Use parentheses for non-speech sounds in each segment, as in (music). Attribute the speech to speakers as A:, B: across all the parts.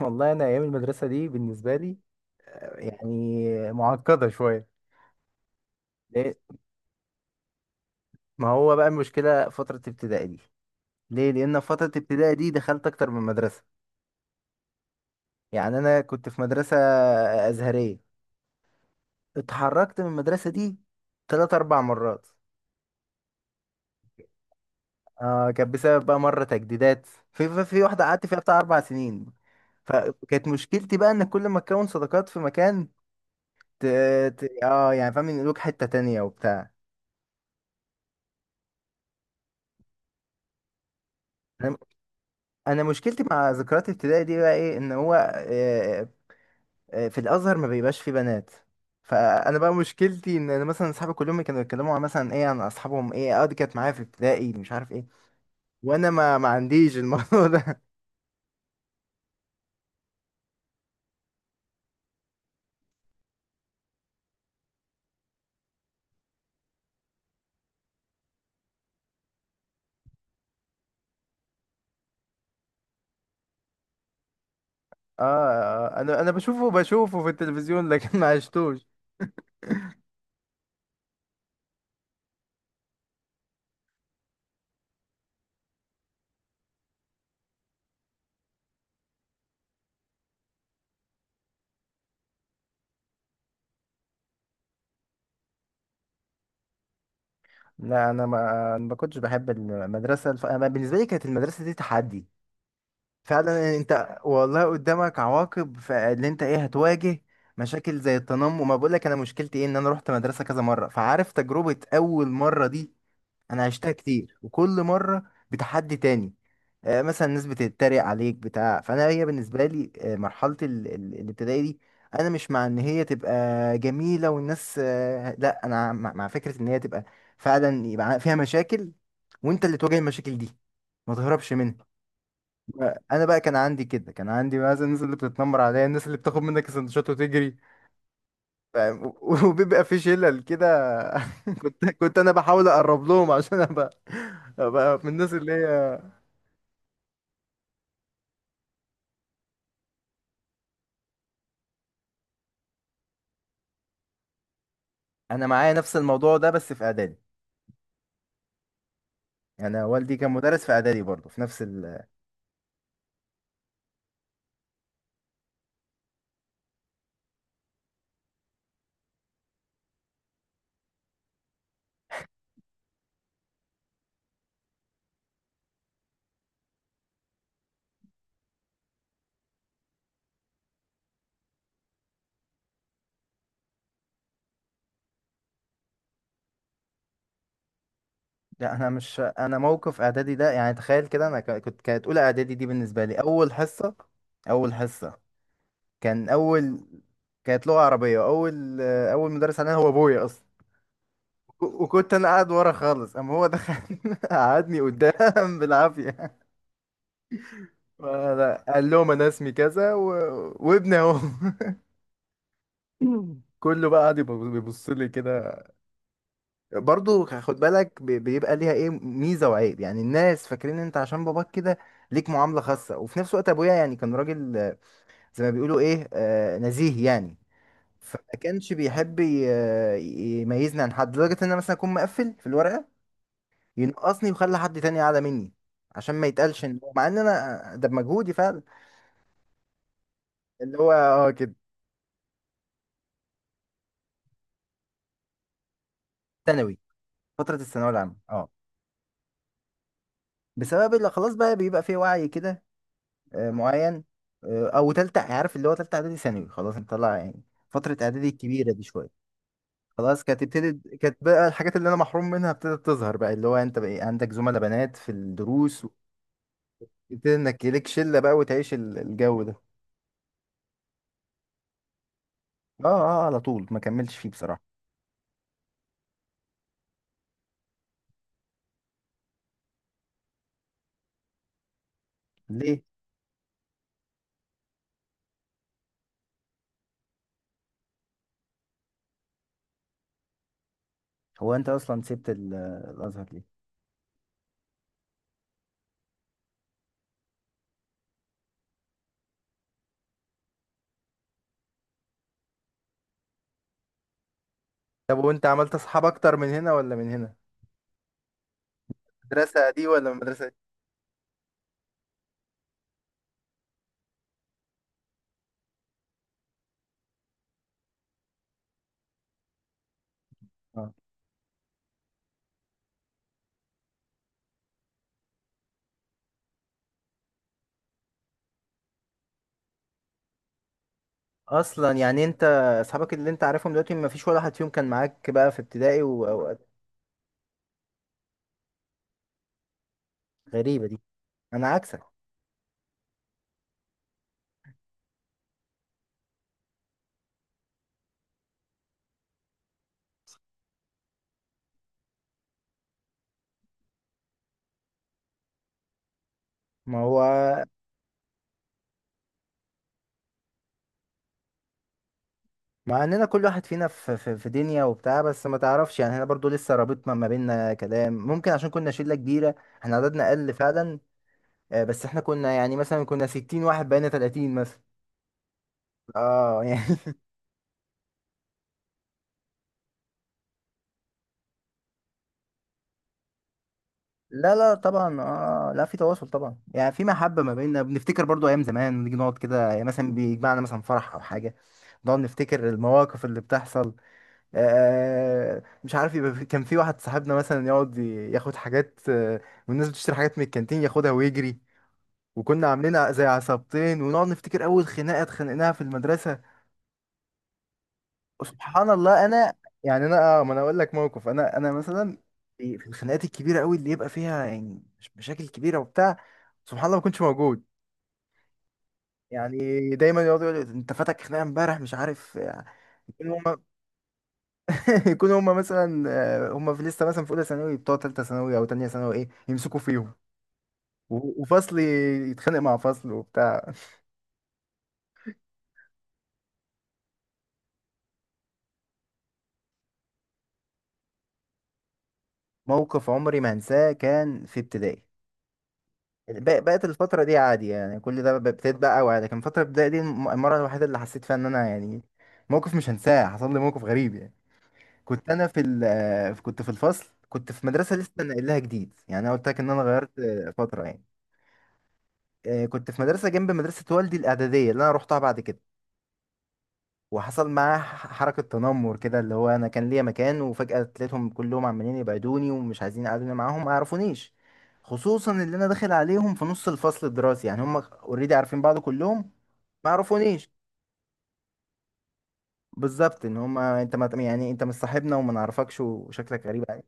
A: والله انا ايام المدرسه دي بالنسبه لي يعني معقده شويه. ليه؟ ما هو بقى المشكله فتره ابتدائي دي ليه، لان فتره ابتدائي دي دخلت اكتر من مدرسه. يعني انا كنت في مدرسه ازهريه، اتحركت من المدرسه دي ثلاث اربع مرات. آه كانت بسبب بقى مره تجديدات، في واحده قعدت فيها بتاع اربع سنين. فكانت مشكلتي بقى ان كل ما تكون صداقات في مكان ت... ت... اه يعني فاهم، ينقلوك حته تانية وبتاع. انا مشكلتي مع ذكريات ابتدائي دي بقى ايه؟ ان هو في الازهر ما بيبقاش فيه بنات. فانا بقى مشكلتي ان انا مثلا اصحابي كلهم كانوا يتكلموا عن مثلا ايه، عن اصحابهم، ايه اه دي كانت معايا في ابتدائي مش عارف ايه، وانا ما عنديش الموضوع ده (laughs) اه آه، انا بشوفه في التلفزيون لكن ما عشتوش. لا انا ما كنتش بحب المدرسه أنا بالنسبه لي كانت المدرسه دي تحدي فعلا. انت والله قدامك عواقب فاللي انت ايه هتواجه مشاكل زي التنمر. ما بقولك انا مشكلتي ايه، ان انا رحت مدرسة كذا مرة، فعارف تجربة اول مرة دي انا عشتها كتير، وكل مرة بتحدي تاني. آه، مثلا الناس بتتريق عليك بتاع فانا هي بالنسبة لي آه، مرحلة الابتدائي دي انا مش مع ان هي تبقى جميلة والناس آه، لا انا مع فكرة ان هي تبقى فعلا، يبقى فيها مشاكل وانت اللي تواجه المشاكل دي، ما تهربش منها. انا بقى كان عندي كده، كان عندي مثلا الناس اللي بتتنمر عليا، الناس اللي بتاخد منك السندوتشات وتجري، فاهم؟ (laughs) وبيبقى في شلل كده. (laughs) كنت انا بحاول اقرب لهم عشان ابقى، ابقى من الناس اللي هي. انا معايا نفس الموضوع ده بس في اعدادي، انا والدي كان مدرس في اعدادي برضه في نفس ال... لا انا مش، انا موقف اعدادي ده يعني تخيل كده، انا كنت، كانت اولى اعدادي دي بالنسبه لي اول حصه، اول حصه كان اول، كانت لغه عربيه، اول اول مدرس علينا هو ابويا اصلا. وكنت انا قاعد ورا خالص، اما هو دخل (laughs) قعدني قدام بالعافيه، ولا قال لهم انا اسمي كذا و... وابني اهو. (laughs) كله بقى قاعد بيبص لي كده. برضو خد بالك، بيبقى ليها ايه، ميزه وعيب. يعني الناس فاكرين ان انت عشان باباك كده ليك معامله خاصه، وفي نفس الوقت ابويا يعني كان راجل آه، زي ما بيقولوا ايه آه، نزيه يعني. فما كانش بيحب يميزني عن حد، لدرجه ان انا مثلا اكون مقفل في الورقه ينقصني ويخلي حد تاني اعلى مني عشان ما يتقالش ان هو، مع ان انا ده بمجهودي فعلا. اللي هو اه كده. ثانوي، فترة الثانوية العامة اه. بسبب اللي خلاص بقى بيبقى فيه وعي كده آه، معين. آه، او تالتة، عارف اللي هو تالتة اعدادي ثانوي، خلاص انت طلع يعني فترة اعدادي الكبيرة دي شوية. خلاص كانت ابتدت، كانت بقى الحاجات اللي انا محروم منها ابتدت تظهر بقى، اللي هو انت بقى إيه، عندك زملاء بنات في الدروس، ابتدت انك ليك شلة بقى وتعيش الجو ده. اه، اه على طول ما كملتش فيه بصراحة. ليه؟ هو انت اصلا سبت الازهر ليه؟ طب وانت عملت اصحاب اكتر من هنا ولا من هنا؟ المدرسة دي ولا المدرسة دي؟ آه. اصلا يعني انت، اصحابك اللي انت عارفهم دلوقتي ما فيش ولا حد فيهم كان معاك بقى في ابتدائي واوقات؟ غريبه دي، انا عكسك. ما هو مع اننا كل واحد فينا في دنيا وبتاع، بس ما تعرفش يعني احنا برضو لسه رابطنا ما بيننا كلام ممكن عشان كنا شله كبيره. احنا عددنا اقل فعلا، آه، بس احنا كنا يعني مثلا كنا 60 واحد، بقينا 30 مثلا. اه (laughs) يعني. لا لا طبعا اه، لا في تواصل طبعا، يعني في محبة ما بيننا، بنفتكر برضو ايام زمان، نيجي نقعد كده يعني مثلا بيجمعنا مثلا فرح او حاجة، نقعد نفتكر المواقف اللي بتحصل. آه مش عارف، يبقى في، كان في واحد صاحبنا مثلا يقعد ياخد حاجات آه، والناس بتشتري حاجات من الكانتين ياخدها ويجري، وكنا عاملين زي عصابتين. ونقعد نفتكر اول خناقة اتخانقناها في المدرسة. سبحان الله انا يعني، انا اه ما انا اقول لك موقف، انا مثلا في في الخناقات الكبيره قوي اللي يبقى فيها يعني مش مشاكل كبيره وبتاع، سبحان الله ما كنتش موجود. يعني دايما يقعدوا يقولوا انت فاتك خناقه امبارح مش عارف آه، يكونوا هم (laughs) يكونوا هم مثلا آه، هم في لسه مثلا في اولى ثانوي بتوع ثالثه ثانوي او ثانيه ثانوي ايه، يمسكوا فيهم وفصل يتخانق مع فصل وبتاع. موقف عمري ما انساه كان في ابتدائي. يعني بقت الفترة دي عادي، يعني كل ده ابتديت بقى أوعى، لكن فترة البداية دي المرة الوحيدة اللي حسيت فيها إن أنا يعني، موقف مش هنساه. حصل لي موقف غريب يعني، كنت أنا في ال آه، كنت في الفصل، كنت في مدرسة لسه ناقل لها جديد. يعني أنا قلت لك إن أنا غيرت آه، فترة يعني، آه، كنت في مدرسة جنب مدرسة والدي الإعدادية اللي أنا روحتها بعد كده. وحصل معاه حركة تنمر كده، اللي هو أنا كان ليا مكان وفجأة تلاقيتهم كلهم عمالين يبعدوني ومش عايزين يقعدوني معاهم، ما يعرفونيش. خصوصا اللي أنا داخل عليهم في نص الفصل الدراسي، يعني هم اوريدي عارفين بعض كلهم، ما يعرفونيش بالظبط. ان هم انت ما يعني انت مش صاحبنا وما نعرفكش وشكلك غريب يعني.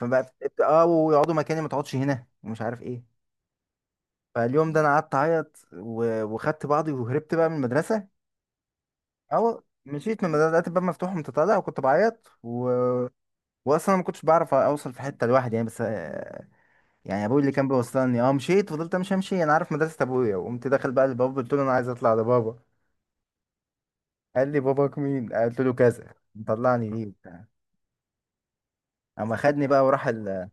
A: فبقى ابت- اه ويقعدوا مكاني، ما تقعدش هنا ومش عارف ايه. فاليوم ده انا قعدت اعيط وخدت بعضي وهربت بقى من المدرسه. اه مشيت من المدرسه، لقيت الباب مفتوح وأنت طالع، وكنت بعيط و... واصلا ما كنتش بعرف اوصل في حته لوحدي يعني، بس آه، يعني ابوي اللي كان بيوصلني. اه مشيت، فضلت امشي انا عارف مدرسه ابويا، وقمت داخل بقى لبابا قلت له انا عايز اطلع لبابا. قال لي باباك مين، قلت له كذا، مطلعني ليه وبتاع. اما خدني بقى وراح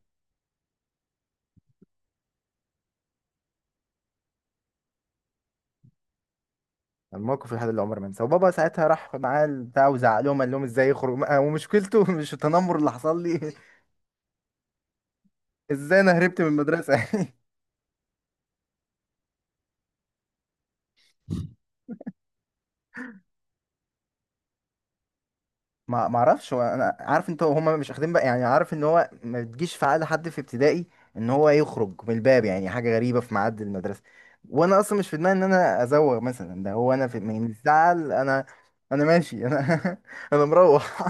A: الموقف لحد اللي عمري ما انساه. وبابا ساعتها راح معاه البتاع وزعلهم قال لهم ازاي يخرج، ومشكلته (laughs) مش التنمر اللي حصل لي. (laughs) ازاي انا هربت من المدرسه. (laughs) ما ما اعرفش، هو انا عارف انت هما مش اخدين بقى، يعني عارف ان هو ما بتجيش في عقل حد في ابتدائي ان هو يخرج من الباب، يعني حاجه غريبه في ميعاد المدرسه. وانا اصلا مش في دماغي ان انا ازوغ مثلا، ده هو انا في من الزعل، انا انا ماشي، انا (laughs) انا مروح.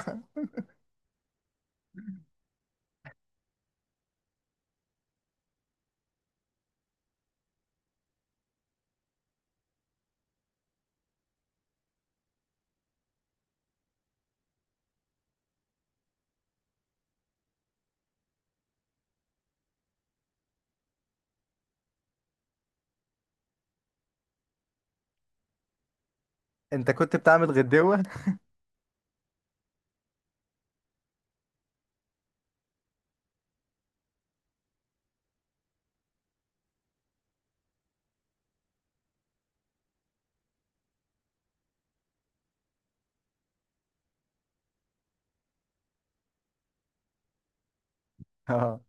A: (laughs) انت كنت بتعمل غدوه. (laughs) اه،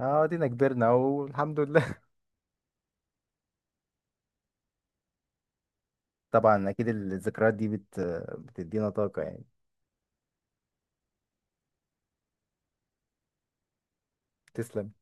A: اه دينا كبرنا اهو الحمد لله. (laughs) طبعا اكيد الذكريات دي بت، بتدينا طاقه يعني. تسلم.